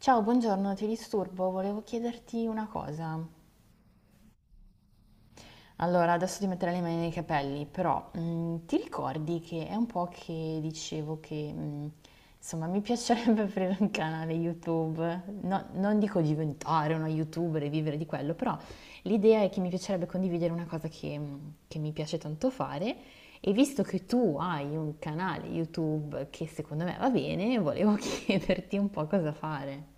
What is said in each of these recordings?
Ciao, buongiorno, ti disturbo, volevo chiederti una cosa. Allora, adesso ti metterò le mani nei capelli, però ti ricordi che è un po' che dicevo che, insomma, mi piacerebbe aprire un canale YouTube. Non dico diventare una YouTuber e vivere di quello, però l'idea è che mi piacerebbe condividere una cosa che, che mi piace tanto fare e visto che tu hai un canale YouTube che secondo me va bene, volevo chiederti un po' cosa fare.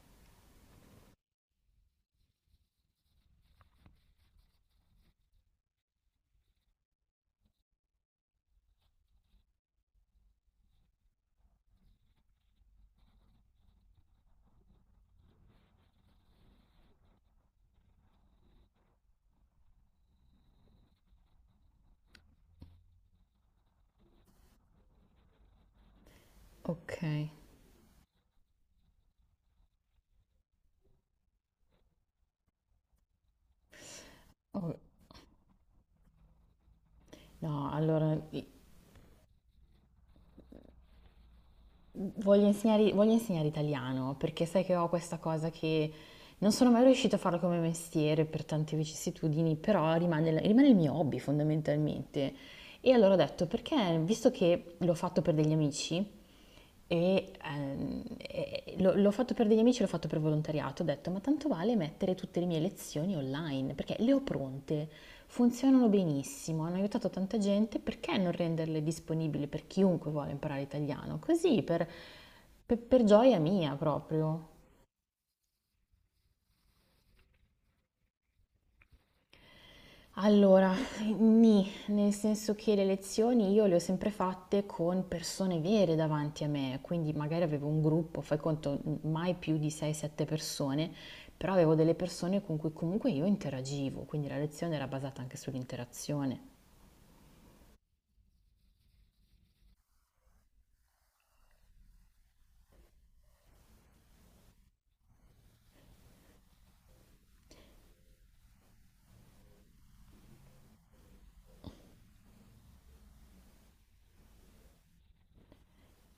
Ok. Oh, no, voglio insegnare italiano perché sai che ho questa cosa che non sono mai riuscita a farlo come mestiere per tante vicissitudini, però rimane il mio hobby fondamentalmente. E allora ho detto, perché visto che l'ho fatto per degli amici, e l'ho fatto per degli amici, l'ho fatto per volontariato, ho detto, ma tanto vale mettere tutte le mie lezioni online, perché le ho pronte, funzionano benissimo, hanno aiutato tanta gente, perché non renderle disponibili per chiunque vuole imparare italiano? Così, per gioia mia proprio. Allora, nì, nel senso che le lezioni io le ho sempre fatte con persone vere davanti a me, quindi magari avevo un gruppo, fai conto, mai più di 6-7 persone, però avevo delle persone con cui comunque io interagivo, quindi la lezione era basata anche sull'interazione.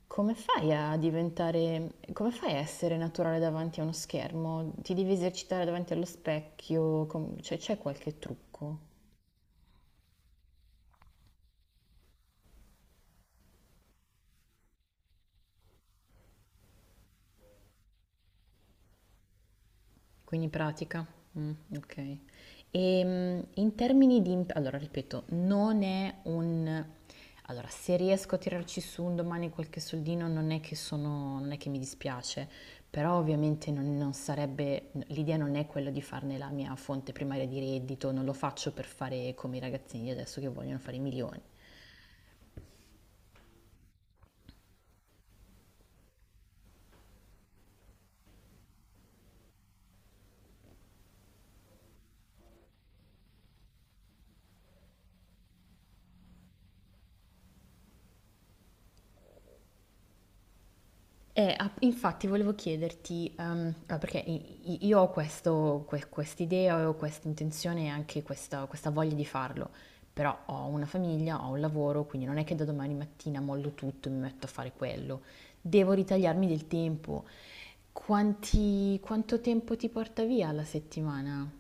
Come fai a essere naturale davanti a uno schermo? Ti devi esercitare davanti allo specchio, cioè c'è qualche trucco? Quindi pratica. Mm, ok. E in termini di... Allora, ripeto, non è un... Allora, se riesco a tirarci su un domani qualche soldino non è che sono, non è che mi dispiace, però ovviamente non sarebbe, l'idea non è quella di farne la mia fonte primaria di reddito, non lo faccio per fare come i ragazzini di adesso che vogliono fare i milioni. Infatti volevo chiederti, perché io ho quest'idea, ho questa intenzione e anche questa voglia di farlo, però ho una famiglia, ho un lavoro, quindi non è che da domani mattina mollo tutto e mi metto a fare quello. Devo ritagliarmi del tempo. Quanto tempo ti porta via la settimana?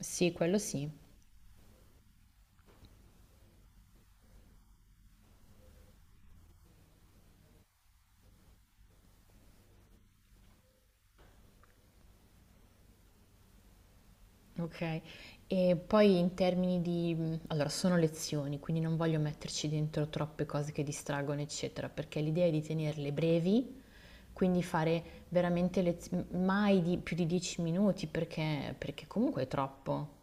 Sì, quello sì. Okay. E poi in termini di allora sono lezioni, quindi non voglio metterci dentro troppe cose che distraggono, eccetera, perché l'idea è di tenerle brevi, quindi fare veramente mai di più di 10 minuti perché comunque è troppo.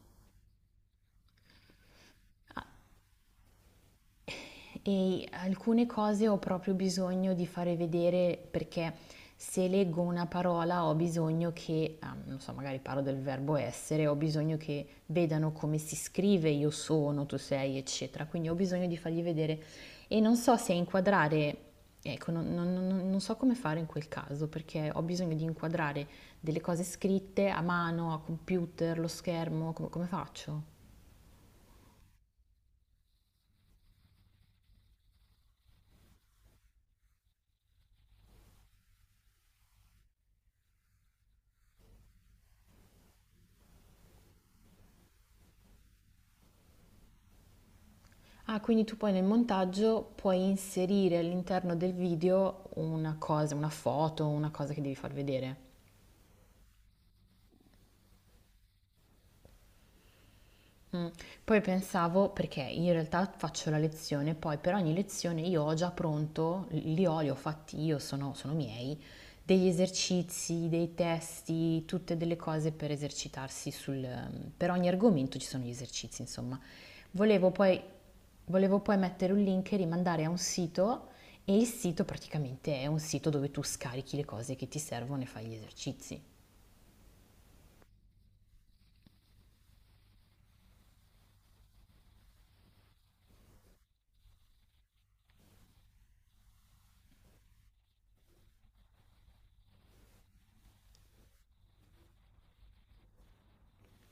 E alcune cose ho proprio bisogno di fare vedere perché se leggo una parola ho bisogno che, ah, non so, magari parlo del verbo essere, ho bisogno che vedano come si scrive io sono, tu sei, eccetera. Quindi ho bisogno di fargli vedere e non so se inquadrare, ecco, non so come fare in quel caso perché ho bisogno di inquadrare delle cose scritte a mano, a computer, lo schermo, come come faccio? Ah, quindi tu poi nel montaggio puoi inserire all'interno del video una cosa, una foto, una cosa che devi far vedere. Mm. Poi pensavo, perché in realtà faccio la lezione, poi per ogni lezione io ho già pronto, li ho fatti io, sono miei, degli esercizi, dei testi, tutte delle cose per esercitarsi sul... Per ogni argomento ci sono gli esercizi, insomma. Volevo poi, volevo poi mettere un link e rimandare a un sito e il sito praticamente è un sito dove tu scarichi le cose che ti servono e fai gli esercizi.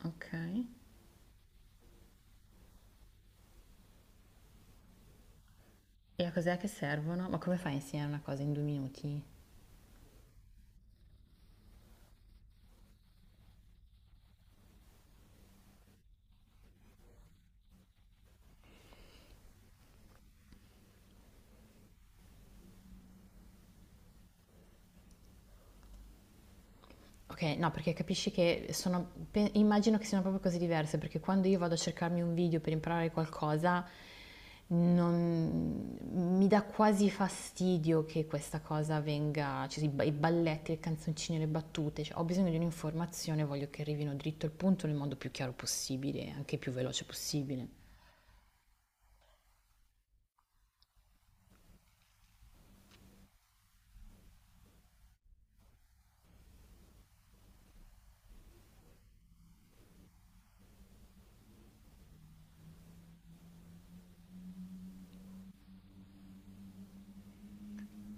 Ok. E a cos'è che servono? Ma come fai a insegnare una cosa in due minuti? Ok, no, perché capisci che immagino che siano proprio cose diverse, perché quando io vado a cercarmi un video per imparare qualcosa, non, mi dà quasi fastidio che questa cosa venga, cioè i balletti, le canzoncine, le battute, cioè, ho bisogno di un'informazione, voglio che arrivino dritto al punto nel modo più chiaro possibile, anche più veloce possibile.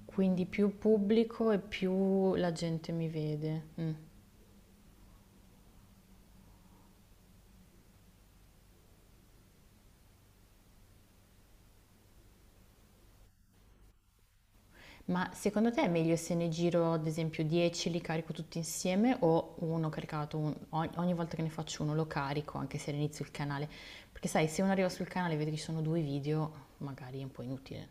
Quindi più pubblico e più la gente mi vede. Mm. Ma secondo te è meglio se ne giro ad esempio 10, li carico tutti insieme o ogni ogni volta che ne faccio uno lo carico anche se all'inizio il canale? Perché sai, se uno arriva sul canale e vede che ci sono due video, magari è un po' inutile.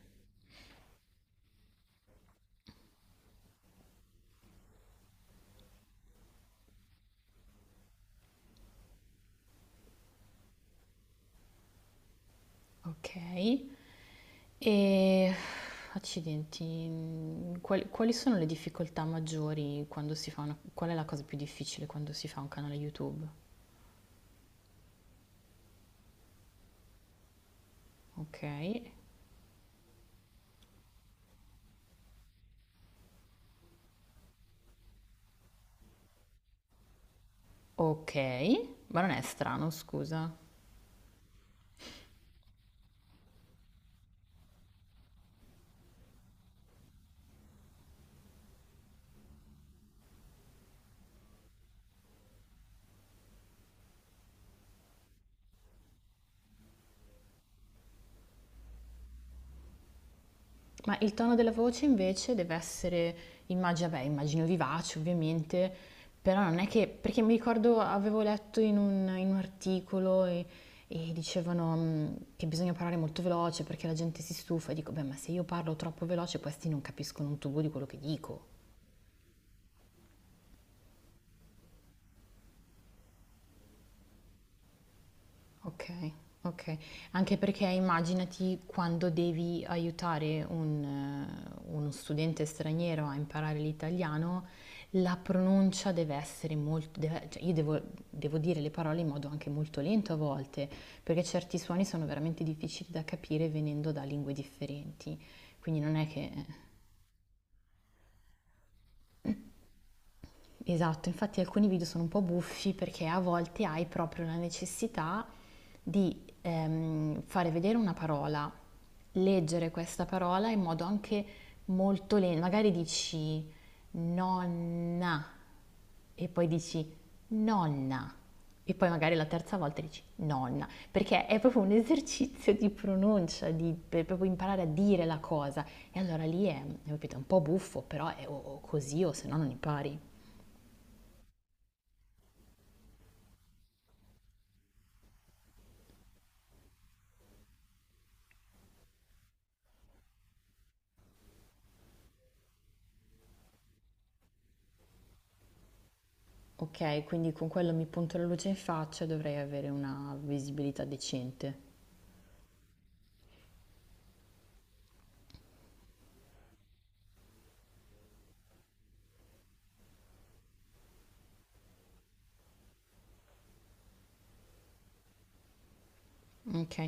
Ok, e accidenti, quali sono le difficoltà maggiori quando si fa una... Qual è la cosa più difficile quando si fa un canale YouTube? Ok, ok, ma non è strano, scusa. Ma il tono della voce invece deve essere, immagino, vabbè, immagino vivace ovviamente, però non è che, perché mi ricordo avevo letto in un articolo e dicevano che bisogna parlare molto veloce perché la gente si stufa e dico, beh, ma se io parlo troppo veloce questi non capiscono un tubo di quello che dico. Ok, ok. Anche perché immaginati quando devi aiutare un, uno studente straniero a imparare l'italiano, la pronuncia deve essere molto... cioè io devo, devo dire le parole in modo anche molto lento a volte, perché certi suoni sono veramente difficili da capire venendo da lingue differenti. Quindi non è che esatto, infatti alcuni video sono un po' buffi perché a volte hai proprio la necessità di fare vedere una parola, leggere questa parola in modo anche molto lento. Magari dici nonna e poi dici nonna e poi magari la terza volta dici nonna, perché è proprio un esercizio di pronuncia, per proprio imparare a dire la cosa. E allora lì è, capito, un po' buffo, però è o così o se no non impari. Ok, quindi con quello mi punto la luce in faccia e dovrei avere una visibilità decente. Ok,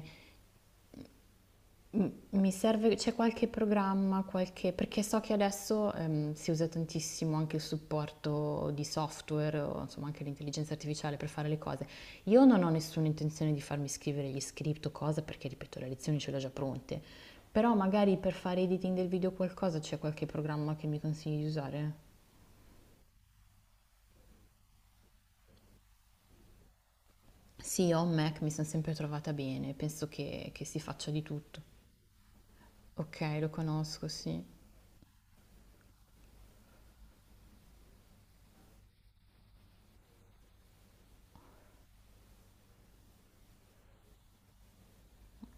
mi serve, c'è qualche programma, qualche, perché so che adesso si usa tantissimo anche il supporto di software, o insomma anche l'intelligenza artificiale per fare le cose. Io non ho nessuna intenzione di farmi scrivere gli script o cosa, perché ripeto, le lezioni ce le ho già pronte, però magari per fare editing del video o qualcosa c'è qualche programma che mi consigli di usare? Sì, ho un Mac, mi sono sempre trovata bene, penso che si faccia di tutto. Ok, lo conosco, sì.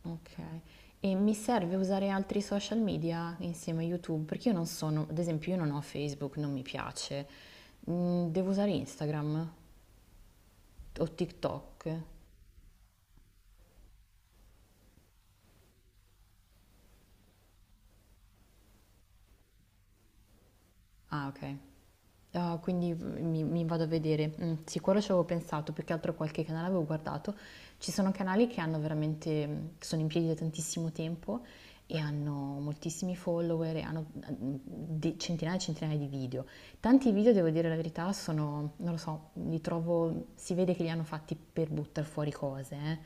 Ok. E mi serve usare altri social media insieme a YouTube? Perché io non sono, ad esempio, io non ho Facebook, non mi piace. Mm, devo usare Instagram o TikTok? Ah, ok. Ah, quindi mi vado a vedere. Mm, sì, quello ci avevo pensato, più che altro qualche canale avevo guardato. Ci sono canali che hanno veramente, che sono in piedi da tantissimo tempo e hanno moltissimi follower, e hanno centinaia e centinaia di video. Tanti video, devo dire la verità, sono, non lo so, li trovo, si vede che li hanno fatti per buttare fuori cose, eh.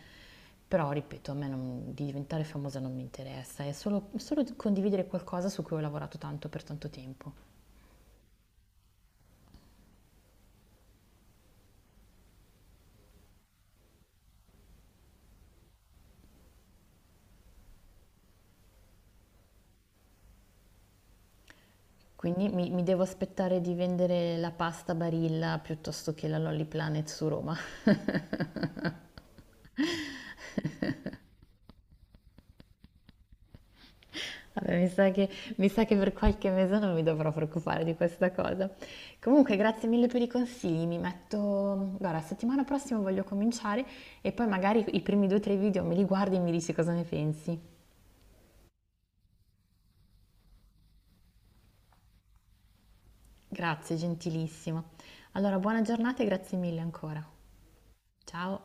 Però, ripeto, a me di diventare famosa non mi interessa, è solo condividere qualcosa su cui ho lavorato tanto per tanto tempo. Quindi mi devo aspettare di vendere la pasta Barilla piuttosto che la Lolly Planet su Roma. Vabbè, mi sa che per qualche mese non mi dovrò preoccupare di questa cosa. Comunque, grazie mille per i consigli. Mi metto... Guarda, settimana prossima voglio cominciare e poi magari i primi due o tre video me li guardi e mi dici cosa ne pensi. Grazie, gentilissima. Allora, buona giornata e grazie mille ancora. Ciao!